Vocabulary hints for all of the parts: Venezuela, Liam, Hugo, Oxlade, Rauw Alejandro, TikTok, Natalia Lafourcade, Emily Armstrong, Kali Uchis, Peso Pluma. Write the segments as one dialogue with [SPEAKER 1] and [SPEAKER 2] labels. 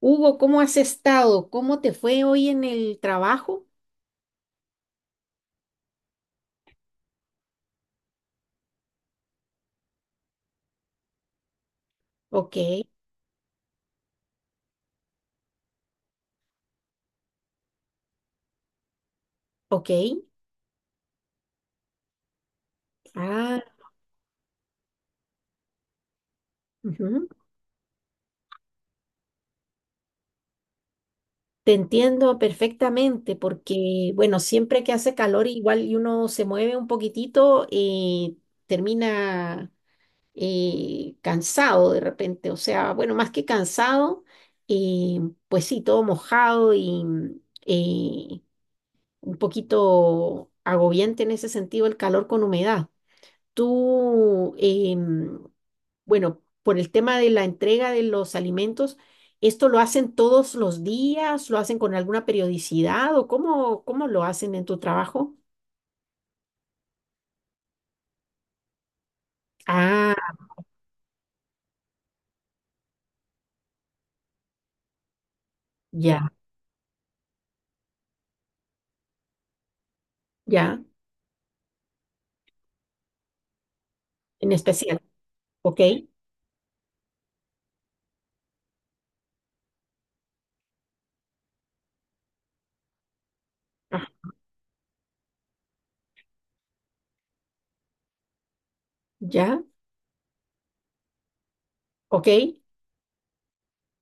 [SPEAKER 1] Hugo, ¿cómo has estado? ¿Cómo te fue hoy en el trabajo? Ok, ok. Ah, ujú. Te entiendo perfectamente porque, bueno, siempre que hace calor igual y uno se mueve un poquitito, termina cansado de repente. O sea, bueno, más que cansado, eh, pues sí, todo mojado y eh, un poquito agobiante en ese sentido el calor con humedad. ¿Tú em, Bueno, por el tema de la entrega de los alimentos, ¿esto lo hacen todos los días? ¿Lo hacen con alguna periodicidad? ¿O cómo lo hacen en tu trabajo? Ah, ya, ya, en especial. Ok, ah, ya, ok,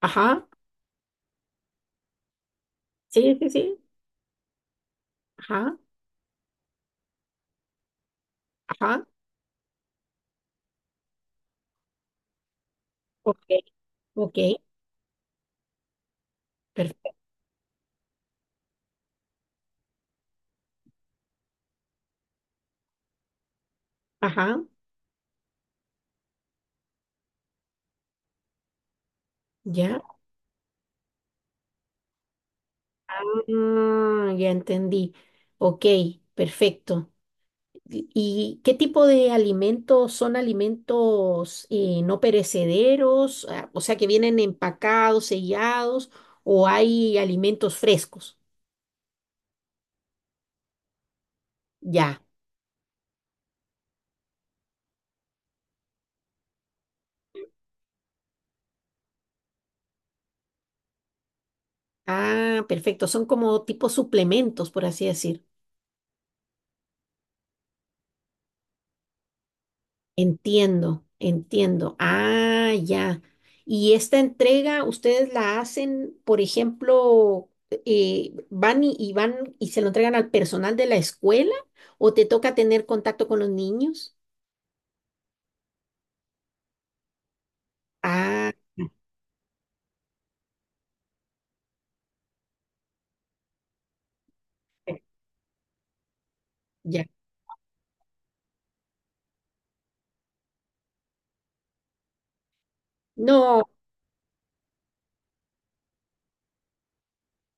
[SPEAKER 1] ajá, sí, sí, sí, ajá, ajá, ok, ok, perfecto, ajá, ya, ya entendí, ok, perfecto. ¿Y qué tipo de alimentos son alimentos no perecederos? Ah, o sea, que vienen empacados, sellados, o hay alimentos frescos. Ya. Ah, perfecto. Son como tipo suplementos, por así decir. Entiendo, entiendo. Ah, ya. Y esta entrega, ustedes la hacen, por ejemplo, van y van y se lo entregan al personal de la escuela, o te toca tener contacto con los niños. Ah. Ya. No,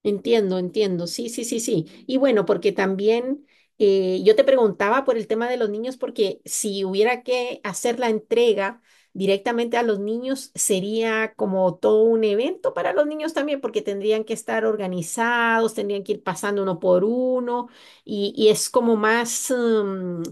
[SPEAKER 1] entiendo, entiendo. Sí, sí, sí, sí. Y bueno, porque también yo te preguntaba por el tema de los niños, porque si hubiera que hacer la entrega directamente a los niños, sería como todo un evento para los niños también, porque tendrían que estar organizados, tendrían que ir pasando uno por uno, y es como más, mm,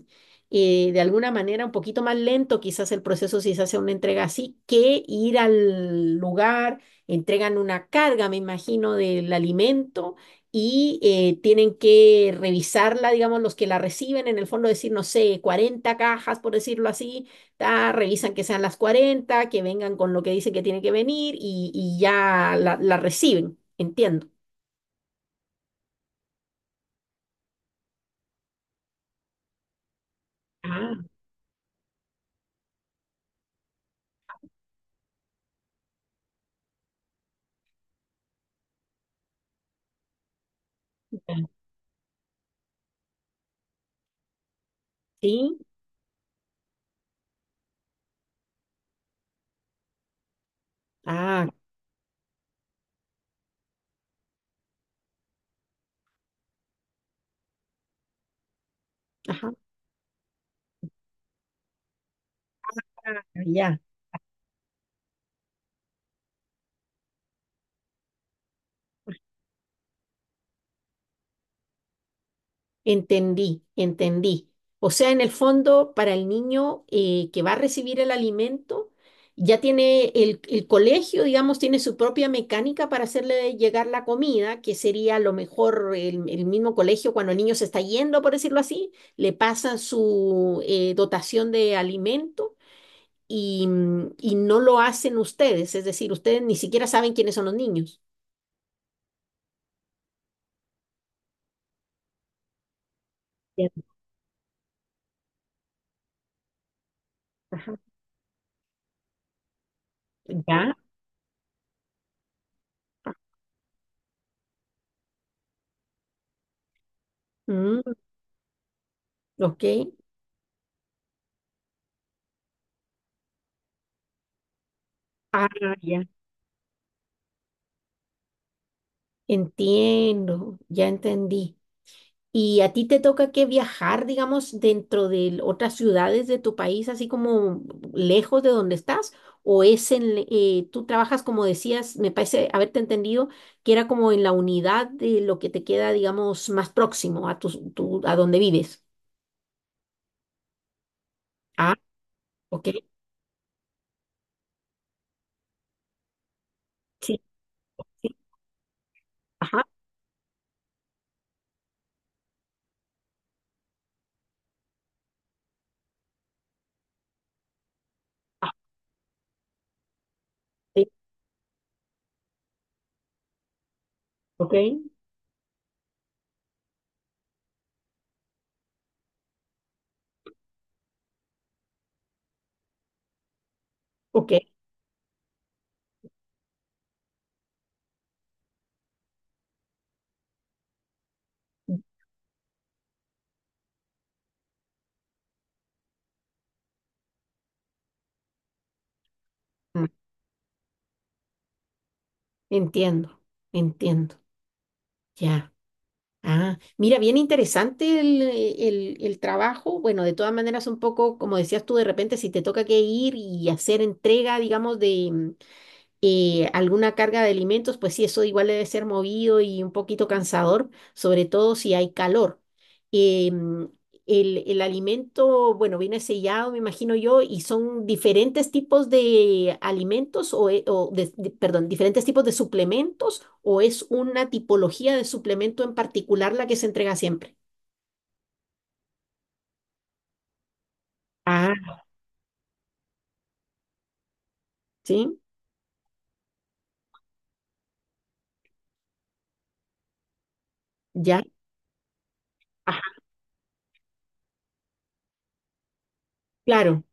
[SPEAKER 1] eh, de alguna manera, un poquito más lento quizás el proceso si se hace una entrega así, que ir al lugar entregan una carga, me imagino, del alimento y tienen que revisarla, digamos, los que la reciben, en el fondo decir, no sé, 40 cajas, por decirlo así, ta, revisan que sean las 40 que vengan con lo que dice que tiene que venir y ya la reciben, entiendo. Ah, ya. Sí, ah, ajá, ya. Entendí, entendí. O sea, en el fondo, para el niño que va a recibir el alimento, ya tiene el colegio, digamos, tiene su propia mecánica para hacerle llegar la comida, que sería a lo mejor el mismo colegio cuando el niño se está yendo, por decirlo así, le pasan su dotación de alimento y no lo hacen ustedes, es decir, ustedes ni siquiera saben quiénes son los niños. Ya. Ajá. Ya. Mm, ok. Ah, ya. Entiendo, ya entendí. ¿Y a ti te toca que viajar, digamos, dentro de otras ciudades de tu país, así como lejos de donde estás? ¿O es tú trabajas, como decías, me parece haberte entendido, que era como en la unidad de lo que te queda, digamos, más próximo a a donde vives? Ah, ok. Sí, sí. Ajá. Ah, sí, ok. Ok. mm, Entiendo, entiendo. Ya. Ah, mira, bien interesante el trabajo. Bueno, de todas maneras, un poco, como decías tú, de repente si te toca que ir y hacer entrega, digamos, de, alguna carga de alimentos, pues sí, eso igual debe ser movido y un poquito cansador, sobre todo si hay calor. Em, el alimento, bueno, viene sellado, me imagino yo, y son diferentes tipos de alimentos o, perdón, diferentes tipos de suplementos o es una tipología de suplemento en particular la que se entrega siempre. Ah, sí, ya, ajá, claro,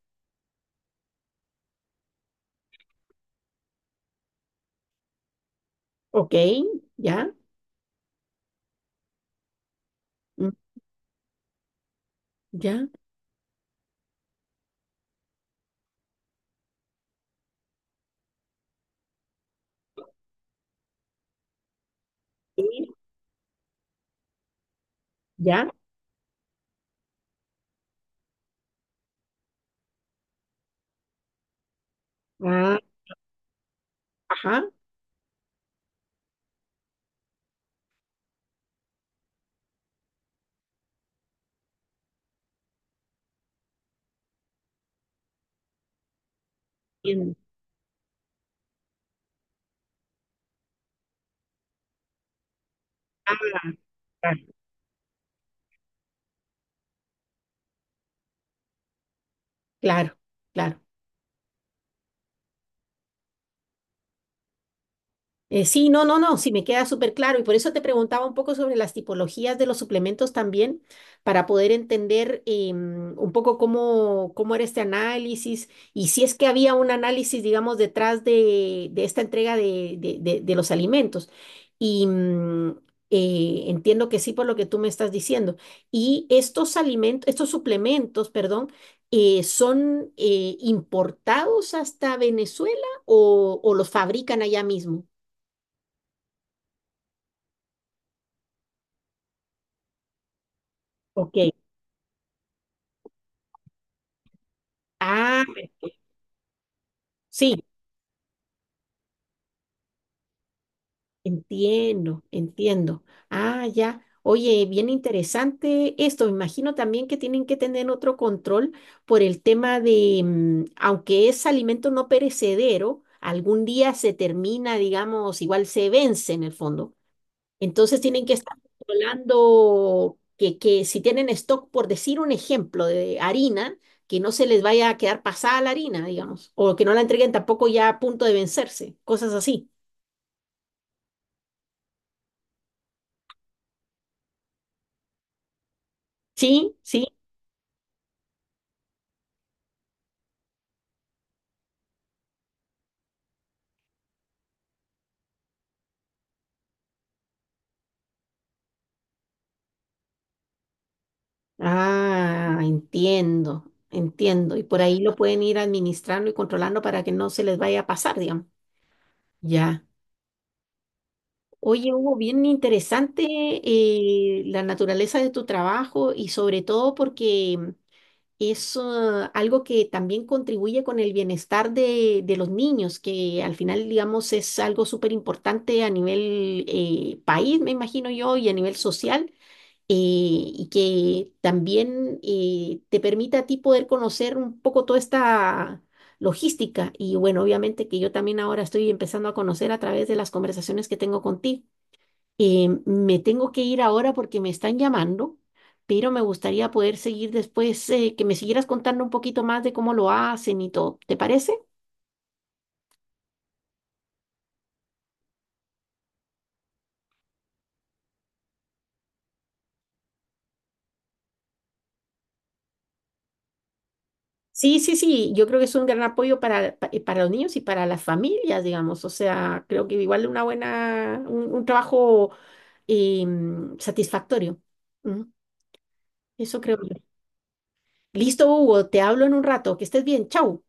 [SPEAKER 1] ok, ya, mm, ya, sí, ya, ah, ajá, bien. Claro, claro. Claro. Sí, no, no, no, sí me queda súper claro y por eso te preguntaba un poco sobre las tipologías de los suplementos también, para poder entender un poco cómo era este análisis y si es que había un análisis, digamos, detrás de esta entrega de los alimentos. Y entiendo que sí por lo que tú me estás diciendo. Y estos alimentos, estos suplementos, perdón, ¿son importados hasta Venezuela o los fabrican allá mismo? Ok. Ah, sí, entiendo, entiendo. Ah, ya. Oye, bien interesante esto. Me imagino también que tienen que tener otro control por el tema de, aunque es alimento no perecedero, algún día se termina, digamos, igual se vence en el fondo. Entonces tienen que estar controlando que si tienen stock, por decir un ejemplo, de harina, que no se les vaya a quedar pasada la harina, digamos, o que no la entreguen tampoco ya a punto de vencerse, cosas así. Sí, sí. Ah, entiendo, entiendo. Y por ahí lo pueden ir administrando y controlando para que no se les vaya a pasar, digamos. Ya. Oye, Hugo, bien interesante la naturaleza de tu trabajo y sobre todo porque es algo que también contribuye con el bienestar de los niños, que al final, digamos, es algo súper importante a nivel país, me imagino yo, y a nivel social, y que también te permite a ti poder conocer un poco toda esta logística. Y bueno, obviamente que yo también ahora estoy empezando a conocer a través de las conversaciones que tengo contigo. Me tengo que ir ahora porque me están llamando, pero me gustaría poder seguir después, que me siguieras contando un poquito más de cómo lo hacen y todo. ¿Te parece? Sí, sí, sí, yo creo que es un gran apoyo para los niños y para las familias, digamos. O sea, creo que igual una buena, un trabajo eh, satisfactorio. Ujú. Eso creo yo. Listo, Hugo, te hablo en un rato. Que estés bien. Chau.